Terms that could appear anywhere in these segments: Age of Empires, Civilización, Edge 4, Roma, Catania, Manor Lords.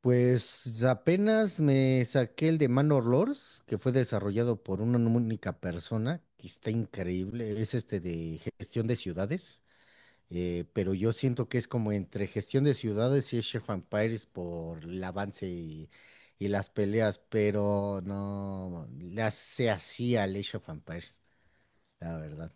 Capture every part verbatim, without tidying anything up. Pues apenas me saqué el de Manor Lords, que fue desarrollado por una única persona, que está increíble. Es este de gestión de ciudades, eh, pero yo siento que es como entre gestión de ciudades y Age of Empires por el avance y, y las peleas, pero no las se hacía al Age of Empires, la verdad.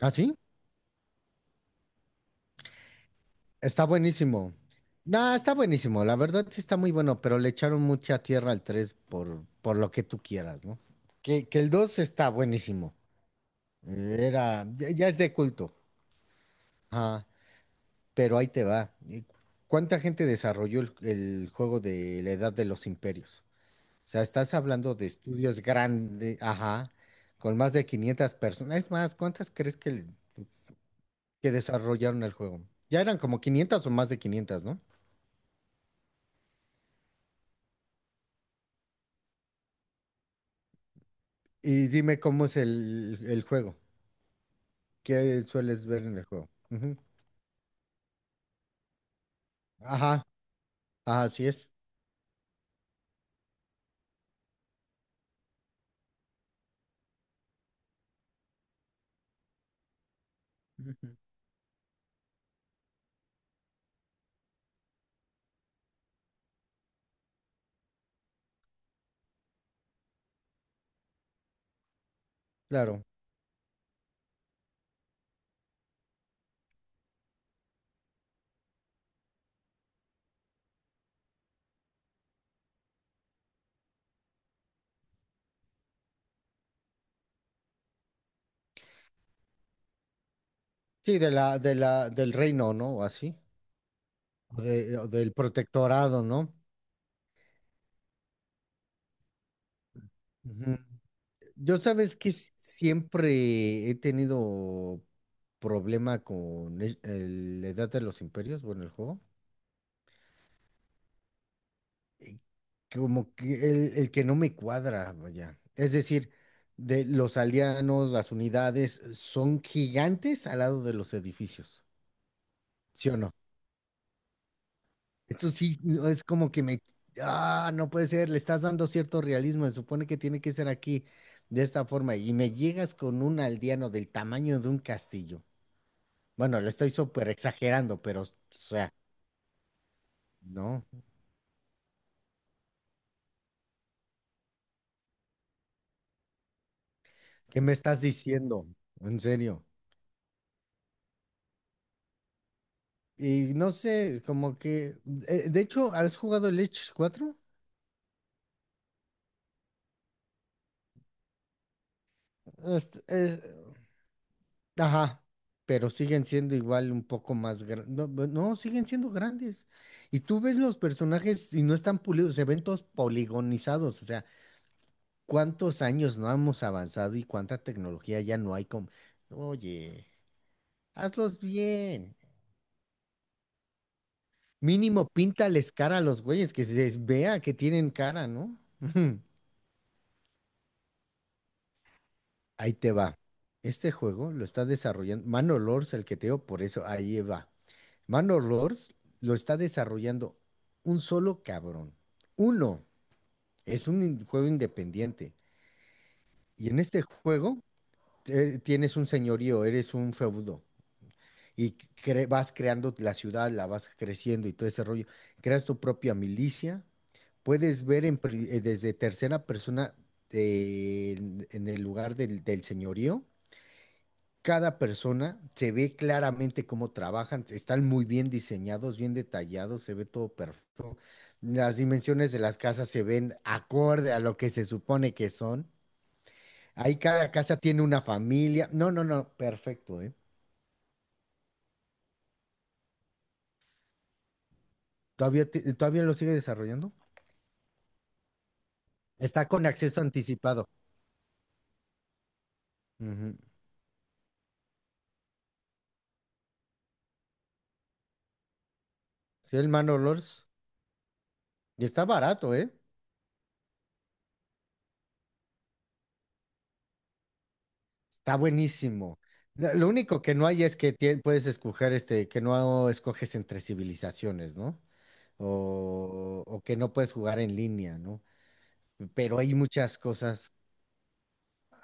¿Ah, sí? Está buenísimo. No, está buenísimo. La verdad sí está muy bueno, pero le echaron mucha tierra al tres por, por lo que tú quieras, ¿no? Que, que el dos está buenísimo. Era, ya, ya es de culto. Ajá, pero ahí te va. ¿Y ¿Cuánta gente desarrolló el, el juego de la Edad de los Imperios? O sea, estás hablando de estudios grandes, ajá, con más de quinientas personas. Es más, ¿cuántas crees que, que desarrollaron el juego? Ya eran como quinientas o más de quinientas, ¿no? Y dime cómo es el, el juego. ¿Qué sueles ver en el juego? Ujú. Ajá, ajá, así es. Ujú. Claro. Sí, de la, de la, del reino, ¿no? O así. O, de- o del protectorado, ¿no? Ujú. Yo sabes que s- siempre he tenido problema con el- el- la edad de los imperios, bueno, el juego. Como que el, el que no me cuadra, vaya. Es decir, de los aldeanos, las unidades son gigantes al lado de los edificios, ¿sí o no? Eso sí, no, es como que me... Ah, no puede ser, le estás dando cierto realismo, se supone que tiene que ser aquí de esta forma y me llegas con un aldeano del tamaño de un castillo. Bueno, le estoy súper exagerando, pero, o sea, no, ¿qué me estás diciendo? En serio. Y no sé, como que. Eh, de hecho, ¿has jugado el Edge cuatro? Este, es- ajá, pero siguen siendo igual un poco más grandes. No, bu- no, siguen siendo grandes. Y tú ves los personajes y no están pulidos, se ven todos poligonizados. O sea, ¿cuántos años no hemos avanzado y cuánta tecnología ya no hay? Con... Oye, hazlos bien. Mínimo píntales cara a los güeyes, que se les vea que tienen cara, ¿no? Ahí te va. Este juego lo está desarrollando Manor Lords, el que te digo, por eso ahí va. Manor Lords lo está desarrollando un solo cabrón. Uno, es un in- juego independiente. Y en este juego eh, tienes un señorío, eres un feudo. Y cre- vas creando la ciudad, la vas creciendo y todo ese rollo. Creas tu propia milicia. Puedes ver en pri- eh, desde tercera persona eh, en, en el lugar del del señorío. Cada persona se ve claramente cómo trabajan, están muy bien diseñados, bien detallados, se ve todo perfecto. Las dimensiones de las casas se ven acorde a lo que se supone que son. Ahí cada casa tiene una familia. No, no, no, perfecto, ¿eh? Todavía, te- todavía lo sigue desarrollando. Está con acceso anticipado. Ujú. Sí, el Manolors. Y está barato, ¿eh? Está buenísimo. Lo lo único que no hay es que tie- puedes escoger este, que no escoges entre civilizaciones, ¿no? O, o que no puedes jugar en línea, ¿no? Pero hay muchas cosas.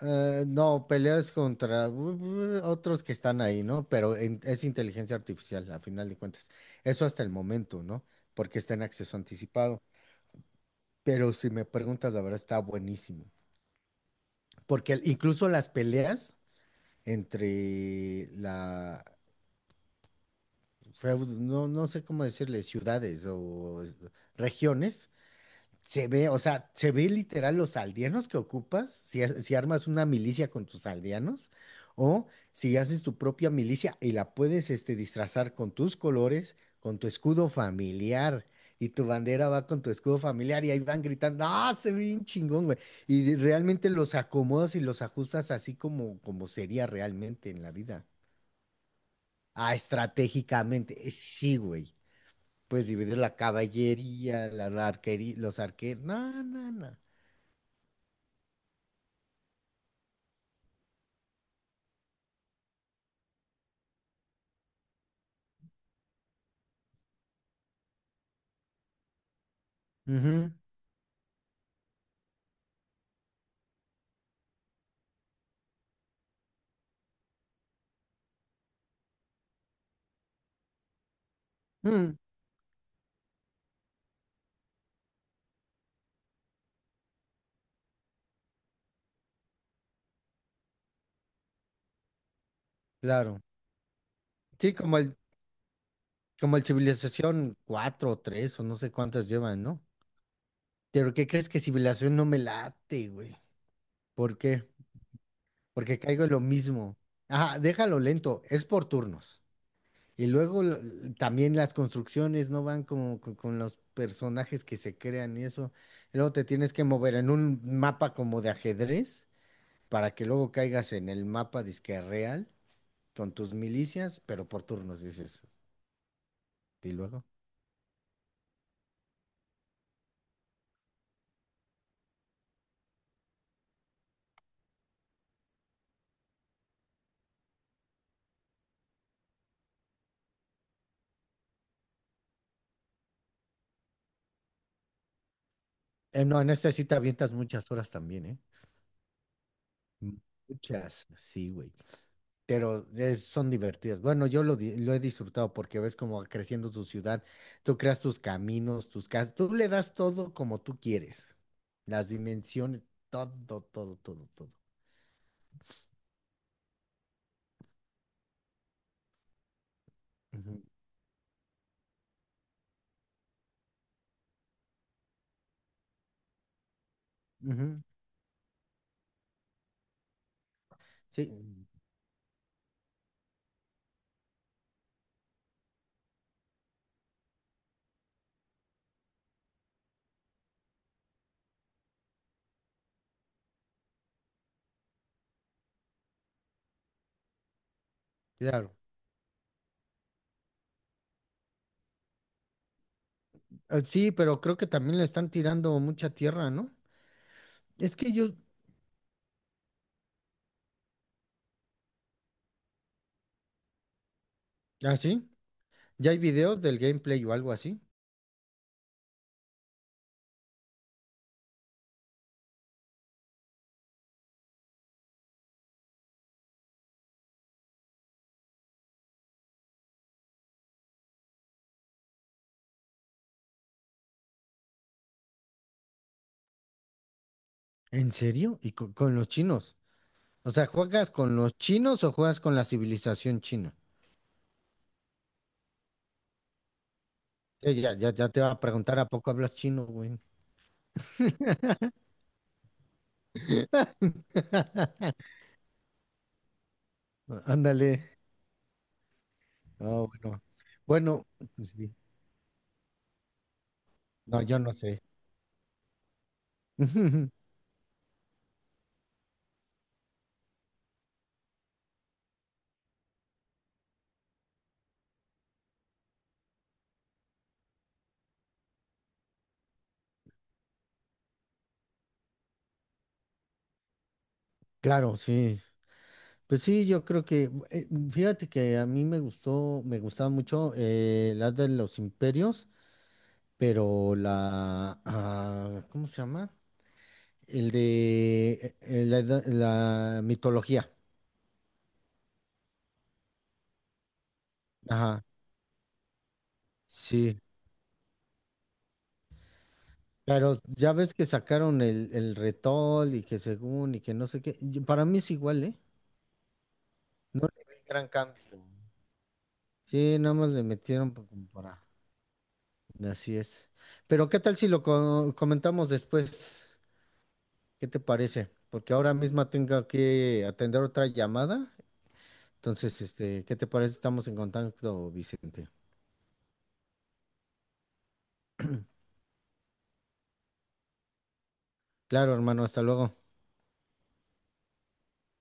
Eh, no, peleas contra uh, uh, otros que están ahí, ¿no? Pero en- es inteligencia artificial, a final de cuentas. Eso hasta el momento, ¿no? Porque está en acceso anticipado. Pero si me preguntas, la verdad está buenísimo. Porque el- incluso las peleas entre la, feud- no, no sé cómo decirle, ciudades o es- regiones. Se ve, o sea, se ve literal los aldeanos que ocupas, si, ha- si armas una milicia con tus aldeanos, o si haces tu propia milicia y la puedes este, disfrazar con tus colores, con tu escudo familiar, y tu bandera va con tu escudo familiar, y ahí van gritando, ¡ah, se ve bien chingón, güey! Y de- realmente los acomodas y los ajustas así como, como sería realmente en la vida. Ah, estratégicamente, eh, sí, güey. Puedes dividir la caballería, la, arquería, los arqueros. No, no, no. Ujú, mm, claro. Sí, como el, como el Civilización cuatro o tres o no sé cuántas llevan, ¿no? Pero ¿qué crees que Civilización no me late, güey? ¿Por qué? Porque caigo en lo mismo. Ajá, déjalo lento, es por turnos. Y luego lo- l- también las construcciones no van como con, con los personajes que se crean y eso. Y luego te tienes que mover en un mapa como de ajedrez para que luego caigas en el mapa disque real con tus milicias, pero por turnos dices. ¿Y luego? Eh, no, en esta sí te avientas muchas horas también, ¿eh? Muchas, sí, güey. Pero es- son divertidas. Bueno, yo lo, di- lo he disfrutado porque ves como va creciendo tu ciudad, tú creas tus caminos, tus casas, tú le das todo como tú quieres. Las dimensiones, todo, todo, todo, todo. Ujú, ujú, sí, claro. Eh, sí, pero creo que también le están tirando mucha tierra, ¿no? Es que yo, ¿ah, sí? ¿Ya hay videos del gameplay o algo así? ¿En serio? ¿Y co- con los chinos? O sea, ¿juegas con los chinos o juegas con la civilización china? Eh, ya, ya, ya te va a preguntar, ¿a poco hablas chino, güey? Ah, ándale. Ah, bueno. Bueno, pues sí. No, yo no sé. Claro, sí. Pues sí, yo creo que, eh, fíjate que a mí me gustó, me gustaba mucho eh, la de los imperios, pero la, ah, ¿cómo se llama? El de eh, eh, la, edad- la mitología. Ajá, sí. Pero ya ves que sacaron el, el retol y que según y que no sé qué. Y para mí es igual, ¿eh? No le ve gran cambio. Sí, nada más le metieron pa- como para. Así es. Pero ¿qué tal si lo co- comentamos después? ¿Qué te parece? Porque ahora misma tengo que atender otra llamada. Entonces, este, ¿qué te parece? Estamos en contacto, Vicente. Claro, hermano, hasta luego.